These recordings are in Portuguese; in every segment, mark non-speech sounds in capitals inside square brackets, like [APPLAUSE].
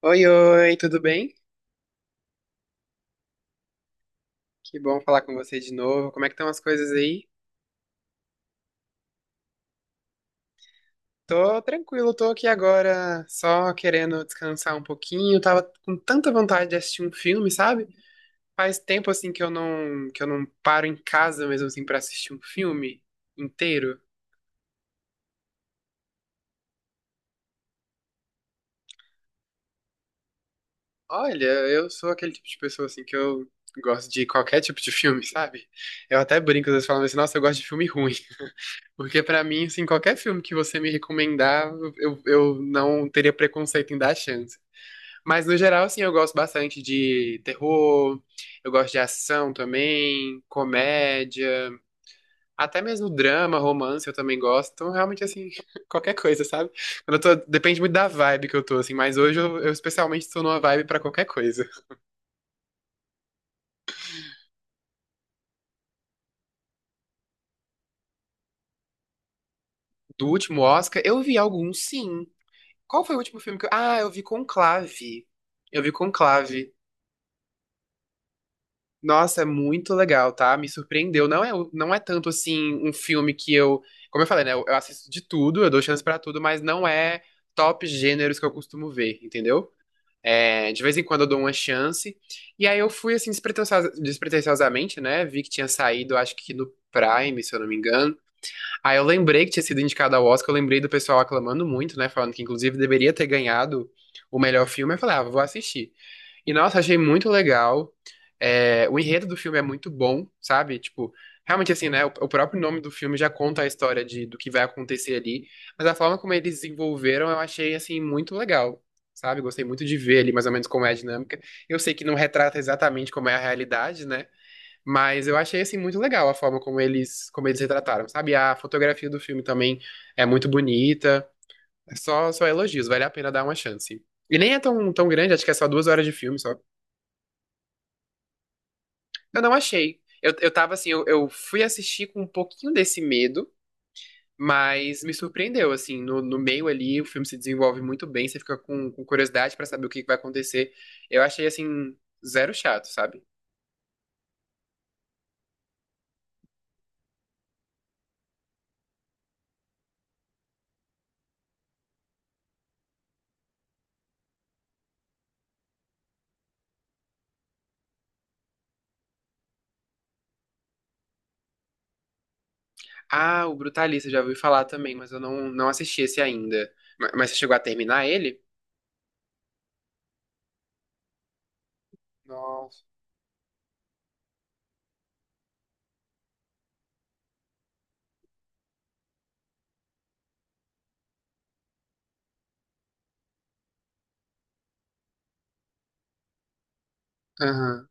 Oi, oi, tudo bem? Que bom falar com você de novo. Como é que estão as coisas aí? Tô tranquilo, tô aqui agora só querendo descansar um pouquinho. Tava com tanta vontade de assistir um filme, sabe? Faz tempo assim que eu não paro em casa mesmo assim para assistir um filme inteiro. Olha, eu sou aquele tipo de pessoa assim que eu gosto de qualquer tipo de filme, [LAUGHS] sabe? Eu até brinco, às vezes falando assim, nossa, eu gosto de filme ruim. Porque pra mim, assim, qualquer filme que você me recomendar, eu não teria preconceito em dar chance. Mas no geral, assim, eu gosto bastante de terror, eu gosto de ação também, comédia, até mesmo drama, romance eu também gosto. Então, realmente, assim, [LAUGHS] qualquer coisa, sabe? Quando eu tô, depende muito da vibe que eu tô, assim, mas hoje eu especialmente tô numa vibe pra qualquer coisa. Do último Oscar, eu vi alguns, sim. Qual foi o último filme que eu... Ah, eu vi Conclave. Eu vi Conclave. Nossa, é muito legal, tá? Me surpreendeu. Não é tanto assim um filme que eu. Como eu falei, né? Eu assisto de tudo, eu dou chance pra tudo, mas não é top gêneros que eu costumo ver, entendeu? É, de vez em quando eu dou uma chance. E aí eu fui assim, despretensiosamente, né? Vi que tinha saído, acho que no Prime, se eu não me engano. Aí eu lembrei que tinha sido indicado ao Oscar, eu lembrei do pessoal aclamando muito, né? Falando que inclusive deveria ter ganhado o melhor filme. Eu falei, ah, vou assistir. E nossa, achei muito legal. É, o enredo do filme é muito bom, sabe? Tipo, realmente assim, né? O próprio nome do filme já conta a história do que vai acontecer ali. Mas a forma como eles desenvolveram, eu achei assim muito legal. Sabe, gostei muito de ver ali mais ou menos como é a dinâmica. Eu sei que não retrata exatamente como é a realidade, né? Mas eu achei assim muito legal a forma como eles retrataram, sabe? A fotografia do filme também é muito bonita. É, só elogios, vale a pena dar uma chance. E nem é tão, tão grande, acho que é só 2 horas de filme só. Eu não achei. eu tava assim, eu fui assistir com um pouquinho desse medo, mas me surpreendeu, assim, no meio ali o filme se desenvolve muito bem, você fica com curiosidade pra saber o que que vai acontecer. Eu achei assim, zero chato, sabe? Ah, o Brutalista, já ouvi falar também, mas eu não assisti esse ainda. Mas você chegou a terminar ele? Nossa. Aham.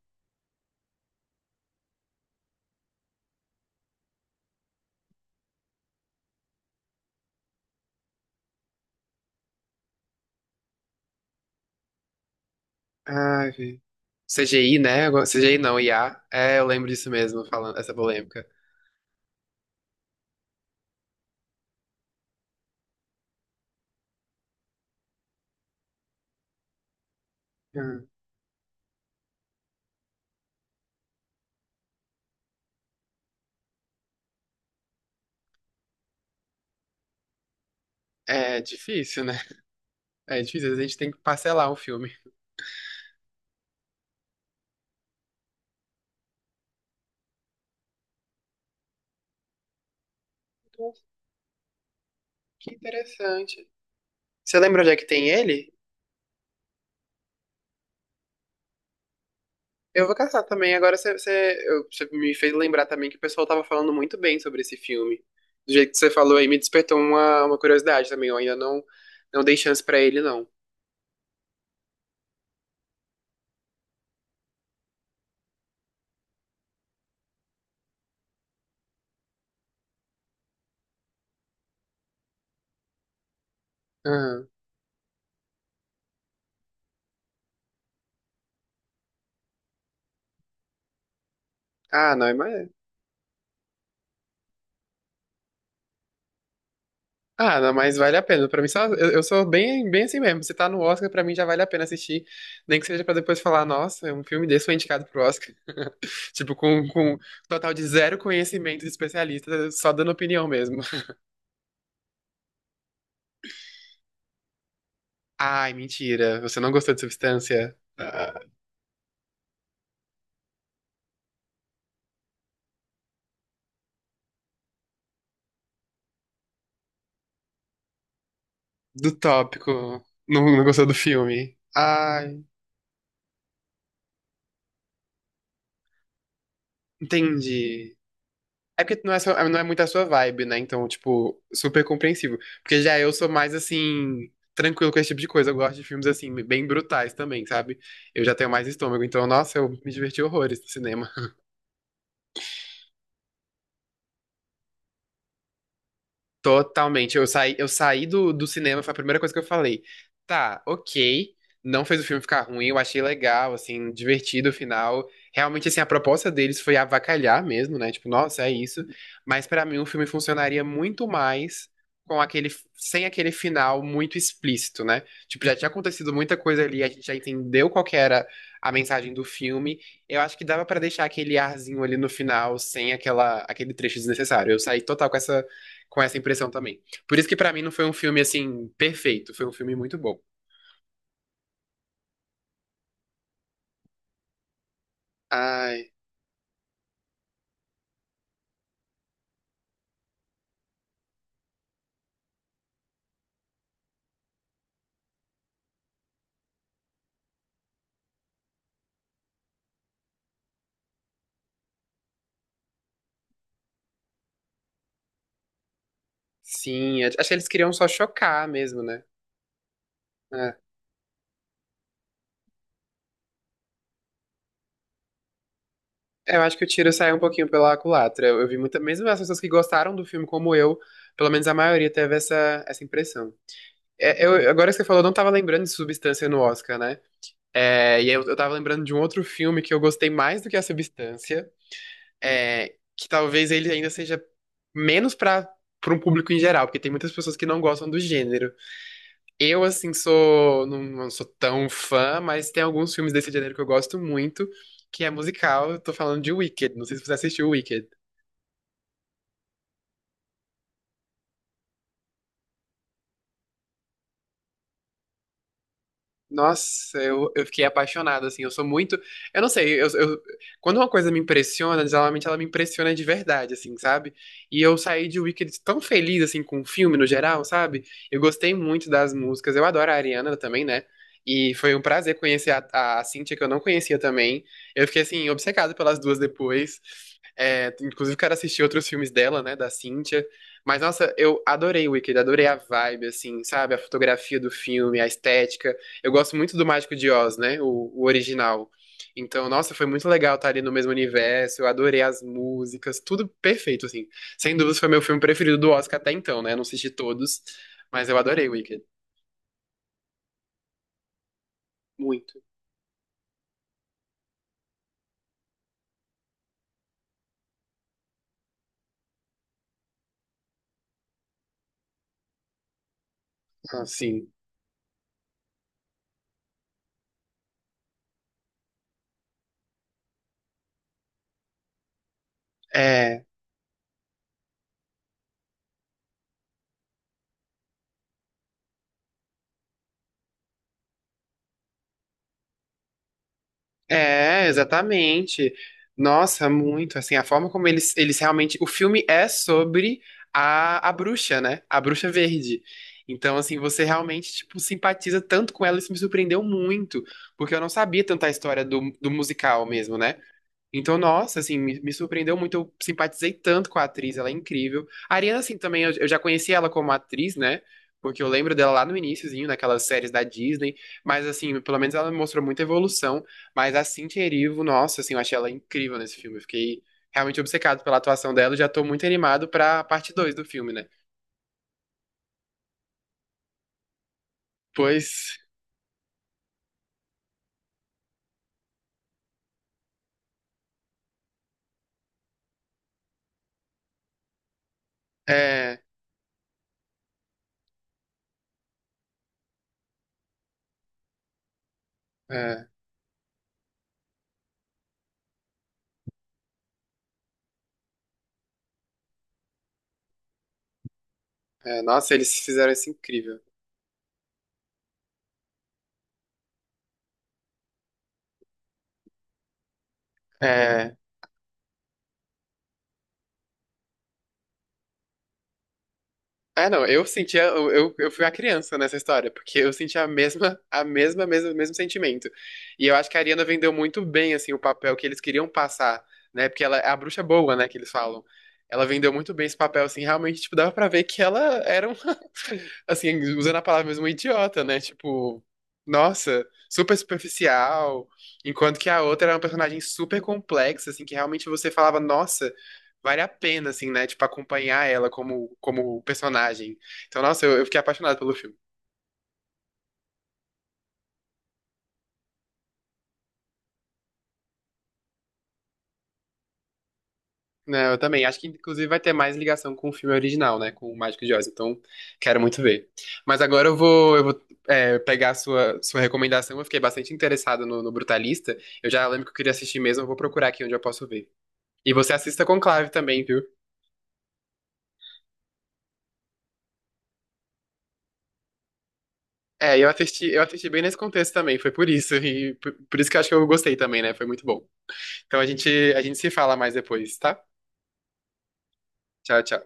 Ai, vi. CGI, né? CGI não, IA. É, eu lembro disso mesmo, falando essa polêmica. Uhum. É difícil, né? É difícil, às vezes a gente tem que parcelar um filme. Nossa, que interessante. Você lembra onde é que tem ele? Eu vou caçar também. Agora você me fez lembrar também que o pessoal tava falando muito bem sobre esse filme. Do jeito que você falou aí, me despertou uma curiosidade também. Eu ainda não dei chance pra ele, não. Aham. Ah, não, é mais. Ah, não, mas vale a pena. Pra mim, só, eu sou bem, bem assim mesmo. Se tá no Oscar, pra mim já vale a pena assistir. Nem que seja pra depois falar, nossa, é um filme desse foi indicado pro Oscar. [LAUGHS] Tipo, com total de zero conhecimento de especialista, só dando opinião mesmo. [LAUGHS] Ai, mentira. Você não gostou de Substância? Ah. Do tópico. Não gostou do filme. Ai, entendi. É porque não é, não é muito a sua vibe, né? Então, tipo, super compreensível. Porque já eu sou mais, assim, tranquilo com esse tipo de coisa. Eu gosto de filmes, assim, bem brutais também, sabe? Eu já tenho mais estômago. Então, nossa, eu me diverti horrores no cinema. Totalmente. Eu saí do cinema, foi a primeira coisa que eu falei. Tá, ok. Não fez o filme ficar ruim, eu achei legal, assim, divertido o final. Realmente, assim, a proposta deles foi avacalhar mesmo, né? Tipo, nossa, é isso. Mas pra mim o filme funcionaria muito mais com aquele, sem aquele final muito explícito, né? Tipo, já tinha acontecido muita coisa ali, a gente já entendeu qual que era a mensagem do filme. Eu acho que dava pra deixar aquele arzinho ali no final sem aquele trecho desnecessário. Eu saí total com essa impressão também. Por isso que pra mim não foi um filme assim perfeito, foi um filme muito bom. Ai, sim, acho que eles queriam só chocar mesmo, né? É. Eu acho que o tiro saiu um pouquinho pela culatra. Eu vi muita, mesmo as pessoas que gostaram do filme como eu, pelo menos a maioria teve essa impressão. É, agora que você falou, eu não tava lembrando de Substância no Oscar, né? É, e eu tava lembrando de um outro filme que eu gostei mais do que a Substância, é, que talvez ele ainda seja menos pra, um público em geral, porque tem muitas pessoas que não gostam do gênero. Eu, assim, sou. Não sou tão fã, mas tem alguns filmes desse gênero que eu gosto muito, que é musical. Eu tô falando de Wicked. Não sei se você assistiu Wicked. Nossa, eu fiquei apaixonado, assim, eu sou muito, eu não sei, quando uma coisa me impressiona, geralmente ela me impressiona de verdade, assim, sabe? E eu saí de Wicked tão feliz, assim, com o filme no geral, sabe? Eu gostei muito das músicas, eu adoro a Ariana também, né? E foi um prazer conhecer a Cynthia, que eu não conhecia também, eu fiquei, assim, obcecado pelas duas depois, é, inclusive quero assistir outros filmes dela, né, da Cynthia, mas, nossa, eu adorei Wicked, adorei a vibe, assim, sabe? A fotografia do filme, a estética, eu gosto muito do Mágico de Oz, né? O original. Então, nossa, foi muito legal estar ali no mesmo universo. Eu adorei as músicas, tudo perfeito, assim. Sem dúvidas, foi meu filme preferido do Oscar até então, né? Não assisti todos, mas eu adorei Wicked. Muito. Assim. É. É, exatamente. Nossa, muito, assim, a forma como eles realmente... O filme é sobre a bruxa, né? A bruxa verde. Então, assim, você realmente, tipo, simpatiza tanto com ela, isso me surpreendeu muito, porque eu não sabia tanto a história do musical mesmo, né? Então, nossa, assim, me surpreendeu muito. Eu simpatizei tanto com a atriz, ela é incrível. A Ariana, assim, também, eu já conheci ela como atriz, né? Porque eu lembro dela lá no iniciozinho, naquelas séries da Disney. Mas, assim, pelo menos ela mostrou muita evolução. Mas a Cynthia Erivo, nossa, assim, eu achei ela incrível nesse filme. Eu fiquei realmente obcecado pela atuação dela. E já tô muito animado pra parte dois do filme, né? Pois, é, é, é, nossa, eles fizeram isso incrível. É. Ah, não, eu sentia, eu fui uma criança nessa história, porque eu sentia mesmo sentimento. E eu acho que a Ariana vendeu muito bem, assim, o papel que eles queriam passar, né? Porque ela é a bruxa boa, né, que eles falam. Ela vendeu muito bem esse papel, assim, realmente, tipo, dava pra ver que ela era assim, usando a palavra mesmo, um idiota, né? Tipo, nossa, super superficial. Enquanto que a outra era uma personagem super complexa, assim, que realmente você falava, nossa, vale a pena, assim, né? Tipo, acompanhar ela como personagem. Então, nossa, eu fiquei apaixonado pelo filme. Né, eu também. Acho que, inclusive, vai ter mais ligação com o filme original, né? Com o Mágico de Oz. Então, quero muito ver. Mas agora eu vou pegar a sua recomendação. Eu fiquei bastante interessado no Brutalista. Eu já lembro que eu queria assistir mesmo. Eu vou procurar aqui onde eu posso ver. E você assista Conclave também, viu? É, eu assisti bem nesse contexto também, foi por isso, e por isso que eu acho que eu gostei também, né? Foi muito bom. Então a gente se fala mais depois, tá? Tchau, tchau.